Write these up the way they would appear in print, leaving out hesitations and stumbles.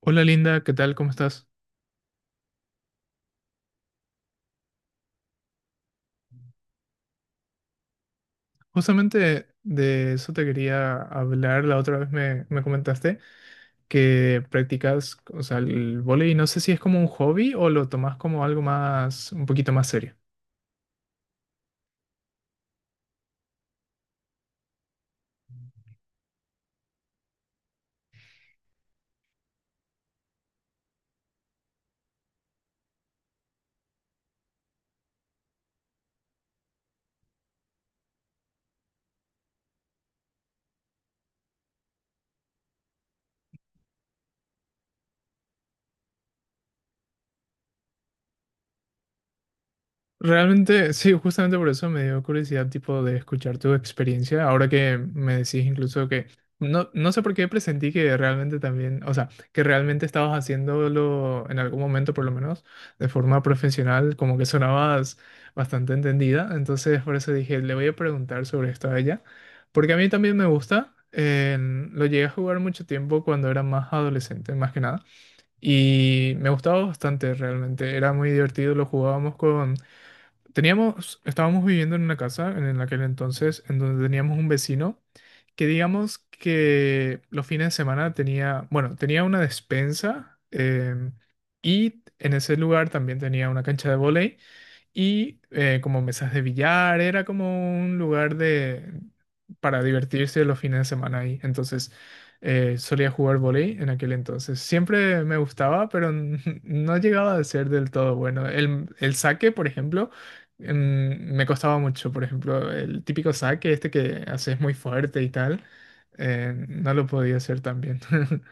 Hola Linda, ¿qué tal? ¿Cómo estás? Justamente de eso te quería hablar. La otra vez me comentaste que practicas, o sea, el vóley. No sé si es como un hobby o lo tomas como algo más, un poquito más serio. Realmente, sí, justamente por eso me dio curiosidad, tipo, de escuchar tu experiencia. Ahora que me decís incluso que no sé por qué presentí que realmente también, o sea, que realmente estabas haciéndolo en algún momento, por lo menos, de forma profesional, como que sonabas bastante entendida. Entonces, por eso dije, le voy a preguntar sobre esto a ella, porque a mí también me gusta. Lo llegué a jugar mucho tiempo cuando era más adolescente, más que nada. Y me gustaba bastante realmente. Era muy divertido, lo jugábamos con. Teníamos, estábamos viviendo en una casa en aquel entonces en donde teníamos un vecino que digamos que los fines de semana tenía, bueno, tenía una despensa y en ese lugar también tenía una cancha de vóley y como mesas de billar, era como un lugar de, para divertirse los fines de semana ahí. Entonces solía jugar vóley en aquel entonces. Siempre me gustaba, pero no llegaba a ser del todo bueno. El saque, por ejemplo, mm, me costaba mucho. Por ejemplo, el típico saque, este que haces muy fuerte y tal, no lo podía hacer tan bien.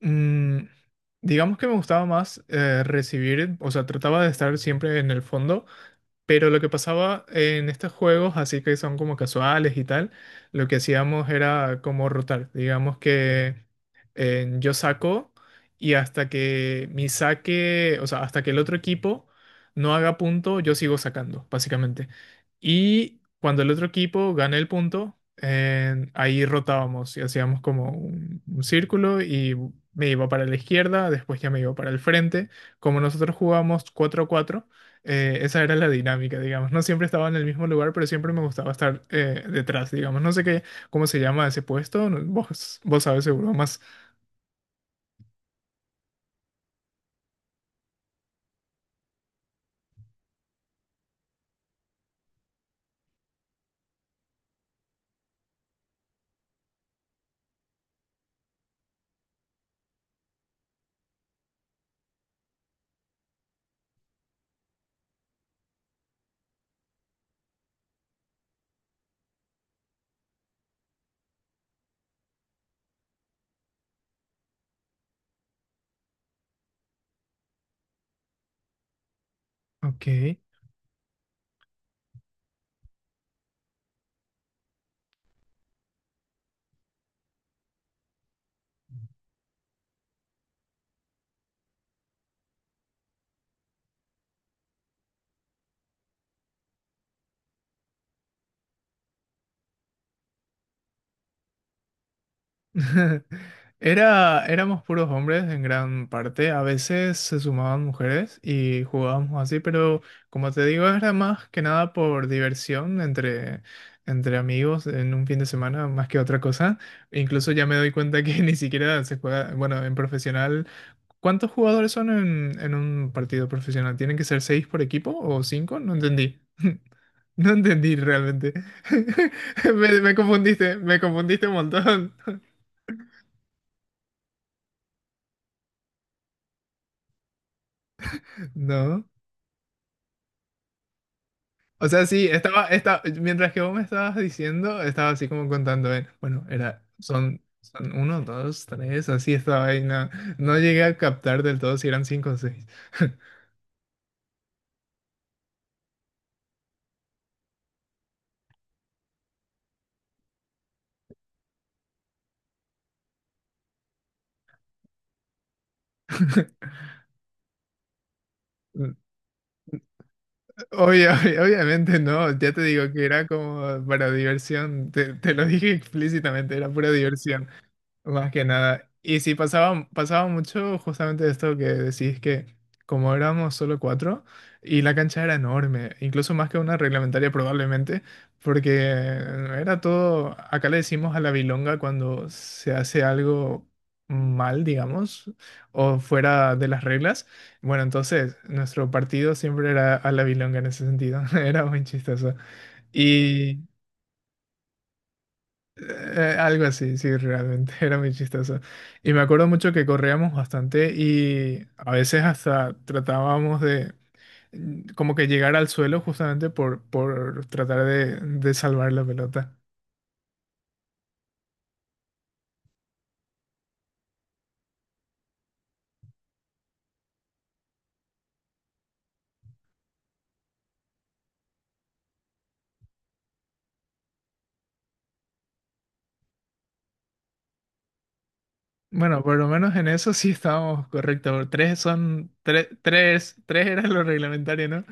Mm, digamos que me gustaba más recibir, o sea, trataba de estar siempre en el fondo. Pero lo que pasaba en estos juegos, así que son como casuales y tal, lo que hacíamos era como rotar. Digamos que yo saco y hasta que mi saque, o sea, hasta que el otro equipo no haga punto, yo sigo sacando, básicamente. Y cuando el otro equipo gane el punto, ahí rotábamos y hacíamos como un círculo y me iba para la izquierda, después ya me iba para el frente. Como nosotros jugamos cuatro a cuatro, esa era la dinámica, digamos. No siempre estaba en el mismo lugar, pero siempre me gustaba estar detrás, digamos. No sé qué, cómo se llama ese puesto. Vos sabes seguro más. Ok. Era, éramos puros hombres en gran parte. A veces se sumaban mujeres y jugábamos así, pero como te digo, era más que nada por diversión entre, entre amigos en un fin de semana, más que otra cosa. Incluso ya me doy cuenta que ni siquiera se juega, bueno, en profesional. ¿Cuántos jugadores son en un partido profesional? ¿Tienen que ser seis por equipo o cinco? No entendí. No entendí realmente. Me confundiste, me confundiste un montón. No. O sea, sí, estaba, estaba, mientras que vos me estabas diciendo, estaba así como contando, bueno, era, son, son uno, dos, tres, así estaba ahí, no, no llegué a captar del todo si eran cinco o seis. Obviamente no, ya te digo que era como para diversión, te lo dije explícitamente, era pura diversión. Más que nada. Y sí, pasaba mucho justamente esto que decís que como éramos solo cuatro y la cancha era enorme, incluso más que una reglamentaria probablemente, porque era todo, acá le decimos a la bilonga cuando se hace algo mal, digamos, o fuera de las reglas. Bueno, entonces nuestro partido siempre era a la bilonga en ese sentido, era muy chistoso. Algo así, sí, realmente era muy chistoso. Y me acuerdo mucho que corríamos bastante y a veces hasta tratábamos de como que llegar al suelo justamente por tratar de salvar la pelota. Bueno, por lo menos en eso sí estábamos correctos. Tres son, tres era lo reglamentario, ¿no?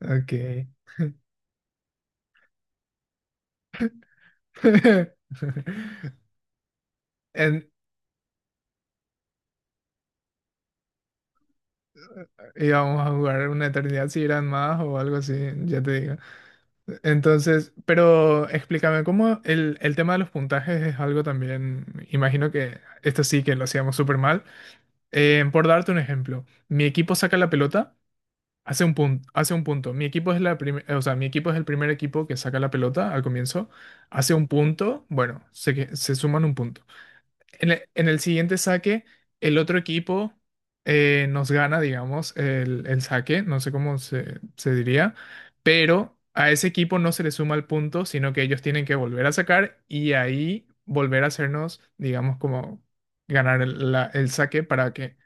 Ok. En, íbamos a jugar una eternidad si eran más o algo así, ya te digo. Entonces, pero explícame, ¿cómo el tema de los puntajes es algo también? Imagino que esto sí que lo hacíamos súper mal. Por darte un ejemplo, mi equipo saca la pelota, hace un punto, hace un punto. Mi equipo es la prim- o sea, mi equipo es el primer equipo que saca la pelota al comienzo, hace un punto, bueno, se, que- se suman un punto. En el siguiente saque, el otro equipo nos gana, digamos, el saque, no sé cómo se, se diría, pero a ese equipo no se le suma el punto, sino que ellos tienen que volver a sacar y ahí volver a hacernos, digamos, como ganar el, la- el saque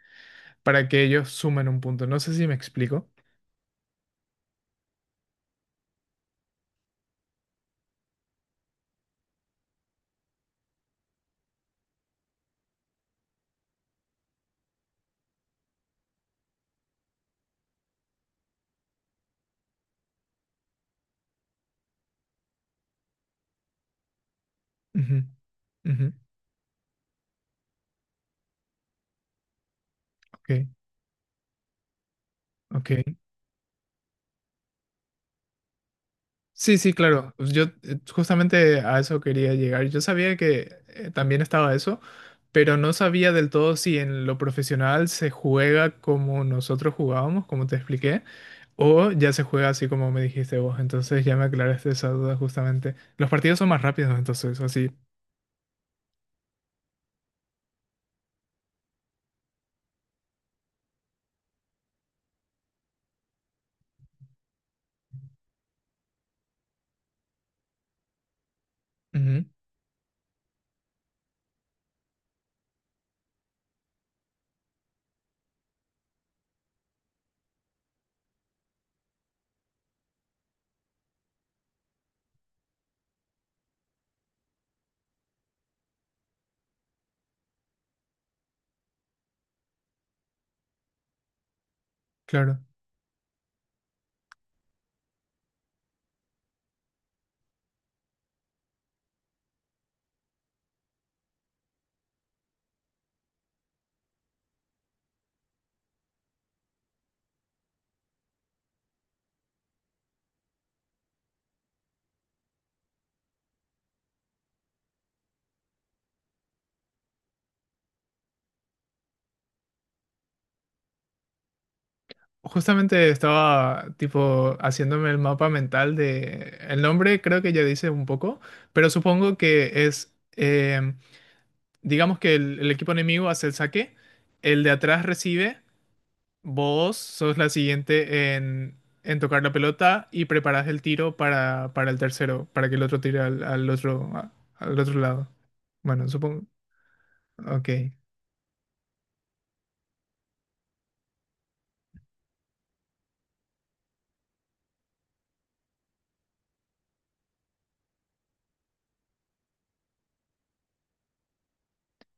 para que ellos sumen un punto. No sé si me explico. Ujú, ujú, ok, ok. Sí, sí, claro. Pues yo justamente a eso quería llegar. Yo sabía que también estaba eso, pero no sabía del todo si en lo profesional se juega como nosotros jugábamos, como te expliqué, o ya se juega así como me dijiste vos. Entonces ya me aclaraste esa duda justamente. Los partidos son más rápidos, entonces, así. Ujú, claro. Justamente estaba tipo haciéndome el mapa mental de... El nombre creo que ya dice un poco, pero supongo que es... digamos que el equipo enemigo hace el saque, el de atrás recibe, vos sos la siguiente en tocar la pelota y preparás el tiro para el tercero, para que el otro tire al, al otro, a- al otro lado. Bueno, supongo. Ok.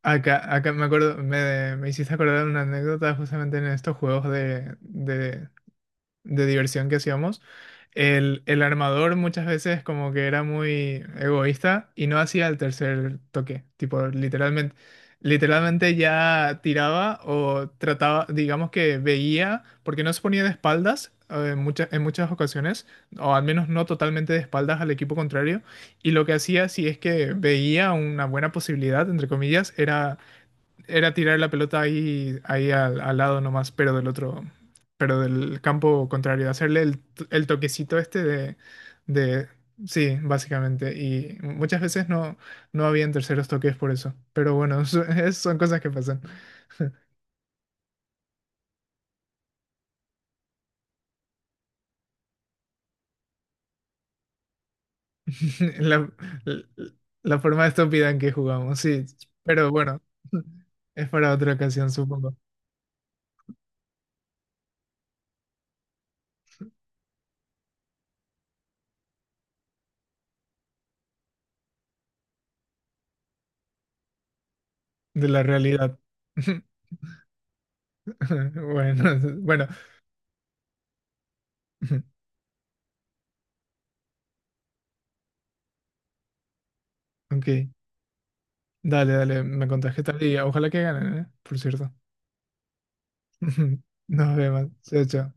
Acá me acuerdo, me hiciste acordar una anécdota justamente en estos juegos de diversión que hacíamos, el armador muchas veces como que era muy egoísta y no hacía el tercer toque. Tipo, literalmente, literalmente ya tiraba o trataba, digamos que veía, porque no se ponía de espaldas. En muchas ocasiones, o al menos no totalmente de espaldas al equipo contrario, y lo que hacía si es que veía una buena posibilidad, entre comillas, era tirar la pelota ahí, ahí al, al lado nomás, pero del otro, pero del campo contrario, hacerle el, t- el toquecito este de, sí, básicamente. Y muchas veces no, no habían terceros toques por eso. Pero bueno, so- es- son cosas que pasan. La, la, la forma estúpida en que jugamos, sí. Pero bueno, es para otra ocasión, supongo, de la realidad. Bueno, bueno, ok. Dale, me contás qué tal y ojalá que ganen, ¿eh? Por cierto. Nos vemos. Chao, chao.